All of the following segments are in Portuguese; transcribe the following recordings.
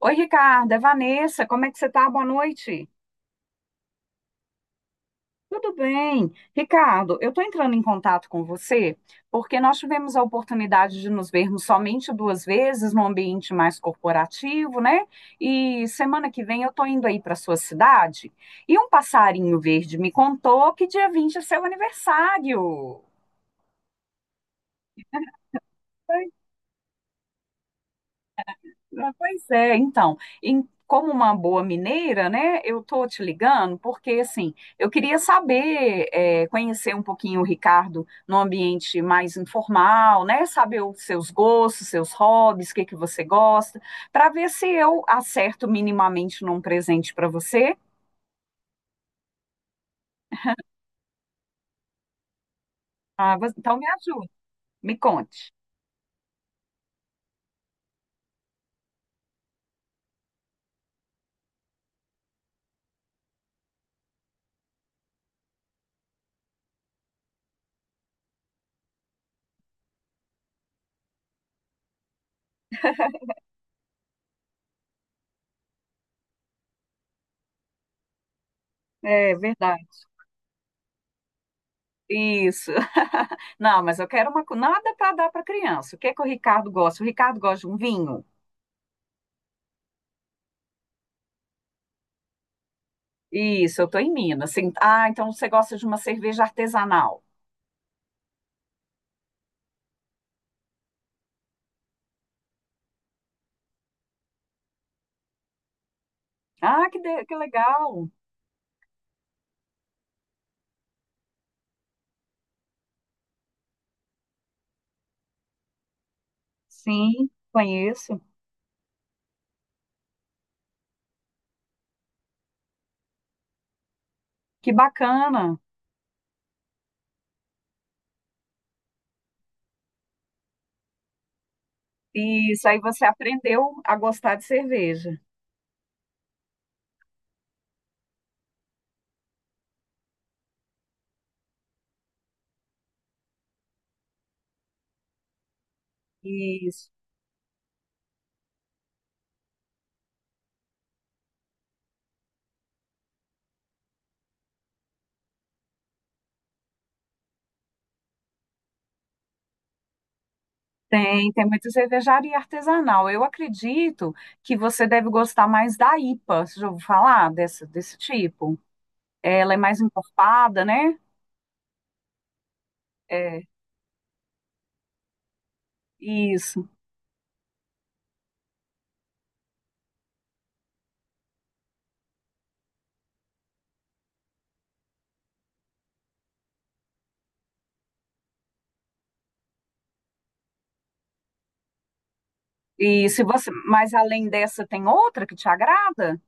Oi, Ricardo, é Vanessa, como é que você tá? Boa noite. Tudo bem. Ricardo, eu estou entrando em contato com você porque nós tivemos a oportunidade de nos vermos somente duas vezes num ambiente mais corporativo, né? E semana que vem eu estou indo aí para sua cidade e um passarinho verde me contou que dia 20 é seu aniversário. Mas, Pois é, então, em- Como uma boa mineira, né, eu tô te ligando porque, assim, eu queria saber, é, conhecer um pouquinho o Ricardo num ambiente mais informal, né, saber os seus gostos, seus hobbies, o que que você gosta, para ver se eu acerto minimamente num presente para você. Então me ajude, me conte. É verdade. Isso. Não, mas eu quero nada para dar para criança. O que que o Ricardo gosta? O Ricardo gosta de um vinho? Isso, eu estou em Minas. Sim. Ah, então você gosta de uma cerveja artesanal. Que legal. Sim, conheço. Que bacana. Isso, aí você aprendeu a gostar de cerveja. Isso. Tem, tem muita cervejaria artesanal. Eu acredito que você deve gostar mais da IPA. Você já ouviu falar desse tipo? Ela é mais encorpada, né? É, isso. E se você, mas além dessa, tem outra que te agrada?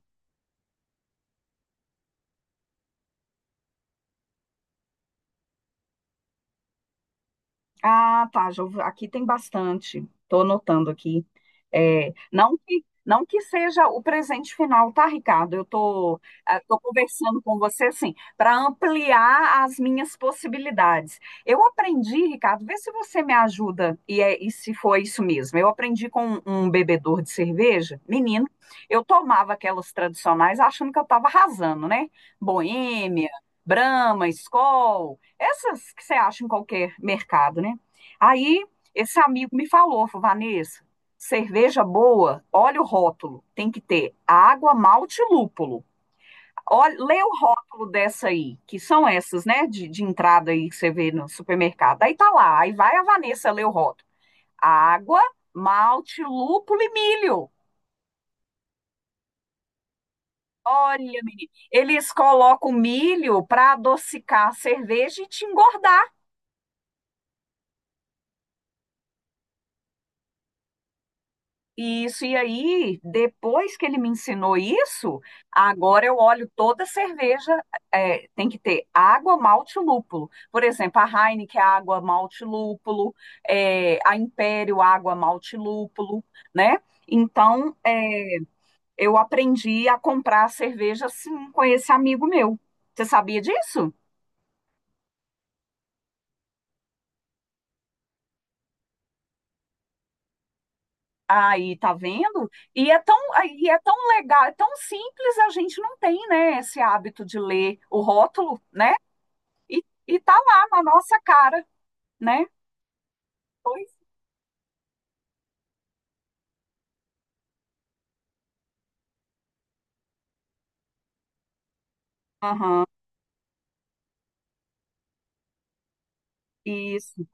Ah, tá, aqui tem bastante. Estou anotando aqui. É, não que seja o presente final, tá, Ricardo? Eu estou tô, ah, tô conversando com você, assim, para ampliar as minhas possibilidades. Eu aprendi, Ricardo, vê se você me ajuda e se foi isso mesmo. Eu aprendi com um bebedor de cerveja, menino, eu tomava aquelas tradicionais achando que eu estava arrasando, né? Boêmia, Brahma, Skol, essas que você acha em qualquer mercado, né? Aí esse amigo me falou, falou: Vanessa, cerveja boa, olha o rótulo, tem que ter água, malte e lúpulo. Olha, lê o rótulo dessa aí, que são essas, né, de entrada aí que você vê no supermercado. Aí tá lá, aí vai a Vanessa ler o rótulo. Água, malte, lúpulo e milho. Olha, menina, eles colocam milho para adocicar a cerveja e te engordar. Isso, e aí, depois que ele me ensinou isso, agora eu olho toda cerveja, é, tem que ter água, malte e lúpulo. Por exemplo, a Heineken, água, malte e lúpulo, é, a Império, água, malte e lúpulo, né? Então, é, eu aprendi a comprar cerveja assim com esse amigo meu. Você sabia disso? Aí, tá vendo? E é tão legal, é tão simples, a gente não tem, né, esse hábito de ler o rótulo, né? E, e tá lá na nossa cara, né? Pois. Aham, isso.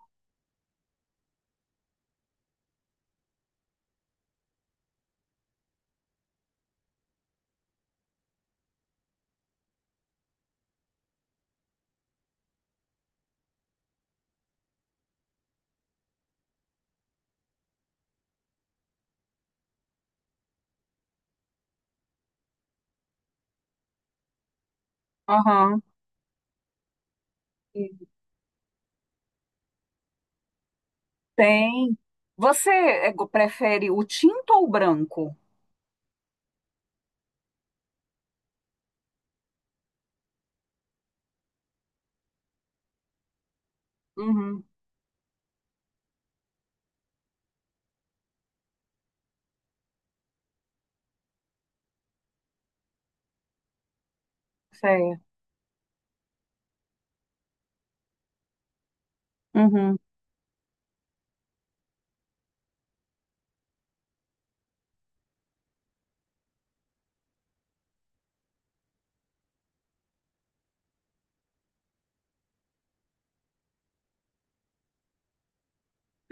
Aham, isso. Tem. Você é, go- prefere o tinto ou o branco? Uhum, certo. Uhum.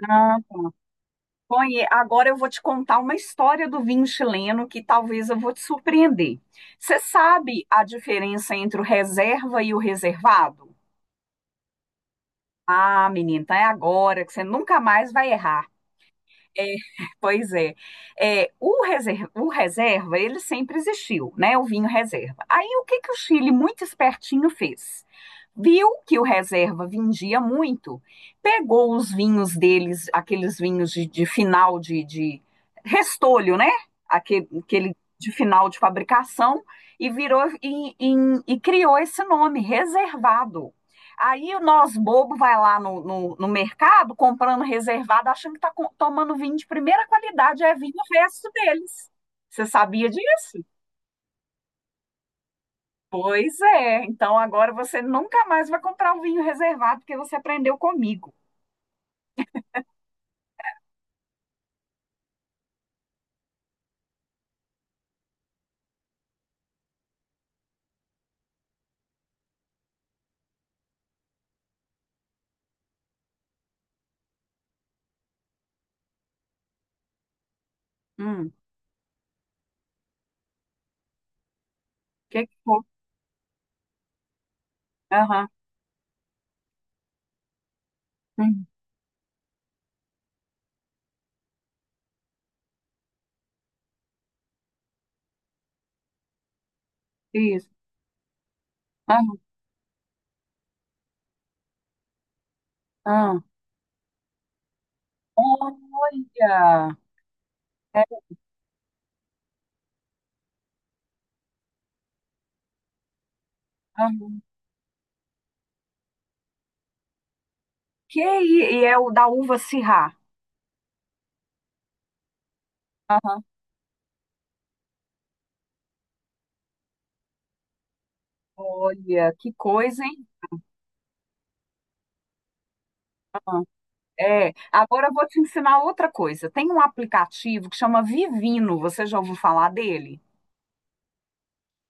Ah, agora eu vou te contar uma história do vinho chileno que talvez eu vou te surpreender. Você sabe a diferença entre o reserva e o reservado? Ah, menina, então é agora que você nunca mais vai errar. É, pois é. É, o reserva, ele sempre existiu, né? O vinho reserva. Aí, o que que o Chile, muito espertinho, fez? Viu que o reserva vendia muito, pegou os vinhos deles, aqueles vinhos de restolho, né? Aquele de final de fabricação e criou esse nome, reservado. Aí o nós bobo vai lá no mercado comprando reservado, achando que está tomando vinho de primeira qualidade, é vinho resto deles. Você sabia disso? Pois é. Então agora você nunca mais vai comprar um vinho reservado porque você aprendeu comigo. Hum, que foi? Aham. Hum, isso. Aham, aham. Olha. É, aham. Que i- e é o da uva Syrah. Aham. Olha, que coisa, hein? Aham. É. Agora eu vou te ensinar outra coisa. Tem um aplicativo que chama Vivino. Você já ouviu falar dele?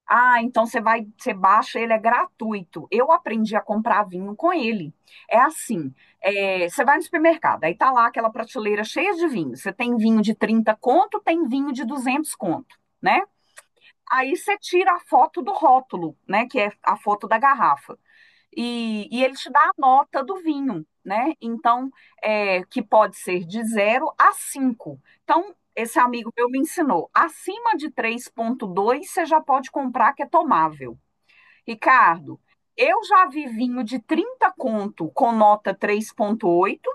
Ah, então você vai, você baixa, ele é gratuito. Eu aprendi a comprar vinho com ele. É assim, é, você vai no supermercado, aí tá lá aquela prateleira cheia de vinho. Você tem vinho de 30 conto, tem vinho de 200 conto, né? Aí você tira a foto do rótulo, né, que é a foto da garrafa e ele te dá a nota do vinho, né? Então, é, que pode ser de zero a 5. Então, esse amigo meu me ensinou, acima de 3.2, você já pode comprar que é tomável. Ricardo, eu já vi vinho de 30 conto com nota 3.8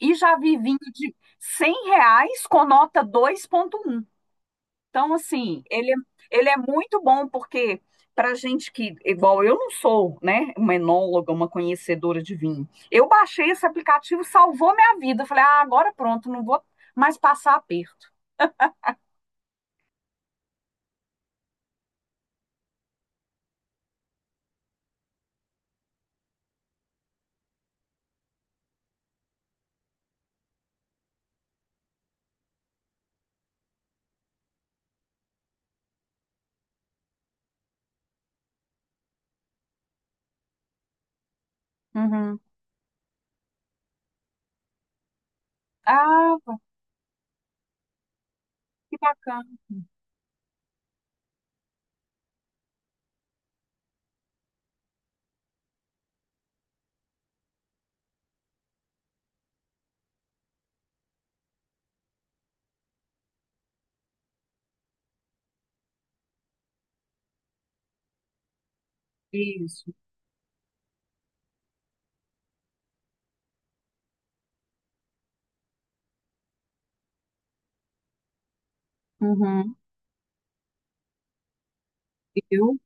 e já vi vinho de R$ 100 com nota 2.1. Então, assim, ele é muito bom porque para gente que, igual eu não sou, né, uma enóloga, uma conhecedora de vinho, eu baixei esse aplicativo, salvou minha vida. Eu falei, ah, agora pronto, não vou mais passar aperto. Uhum. Ah, que bacana. Isso. Uhum. Eu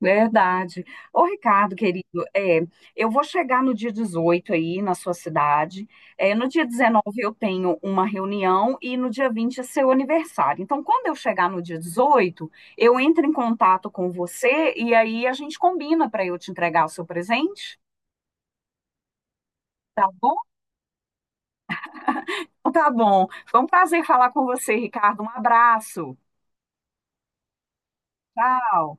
verdade. Ô, Ricardo, querido, é, eu vou chegar no dia 18 aí na sua cidade. É, no dia 19 eu tenho uma reunião e no dia 20 é seu aniversário. Então, quando eu chegar no dia 18 eu entro em contato com você e aí a gente combina para eu te entregar o seu presente, tá bom? Tá bom. Foi um prazer falar com você, Ricardo. Um abraço. Tchau.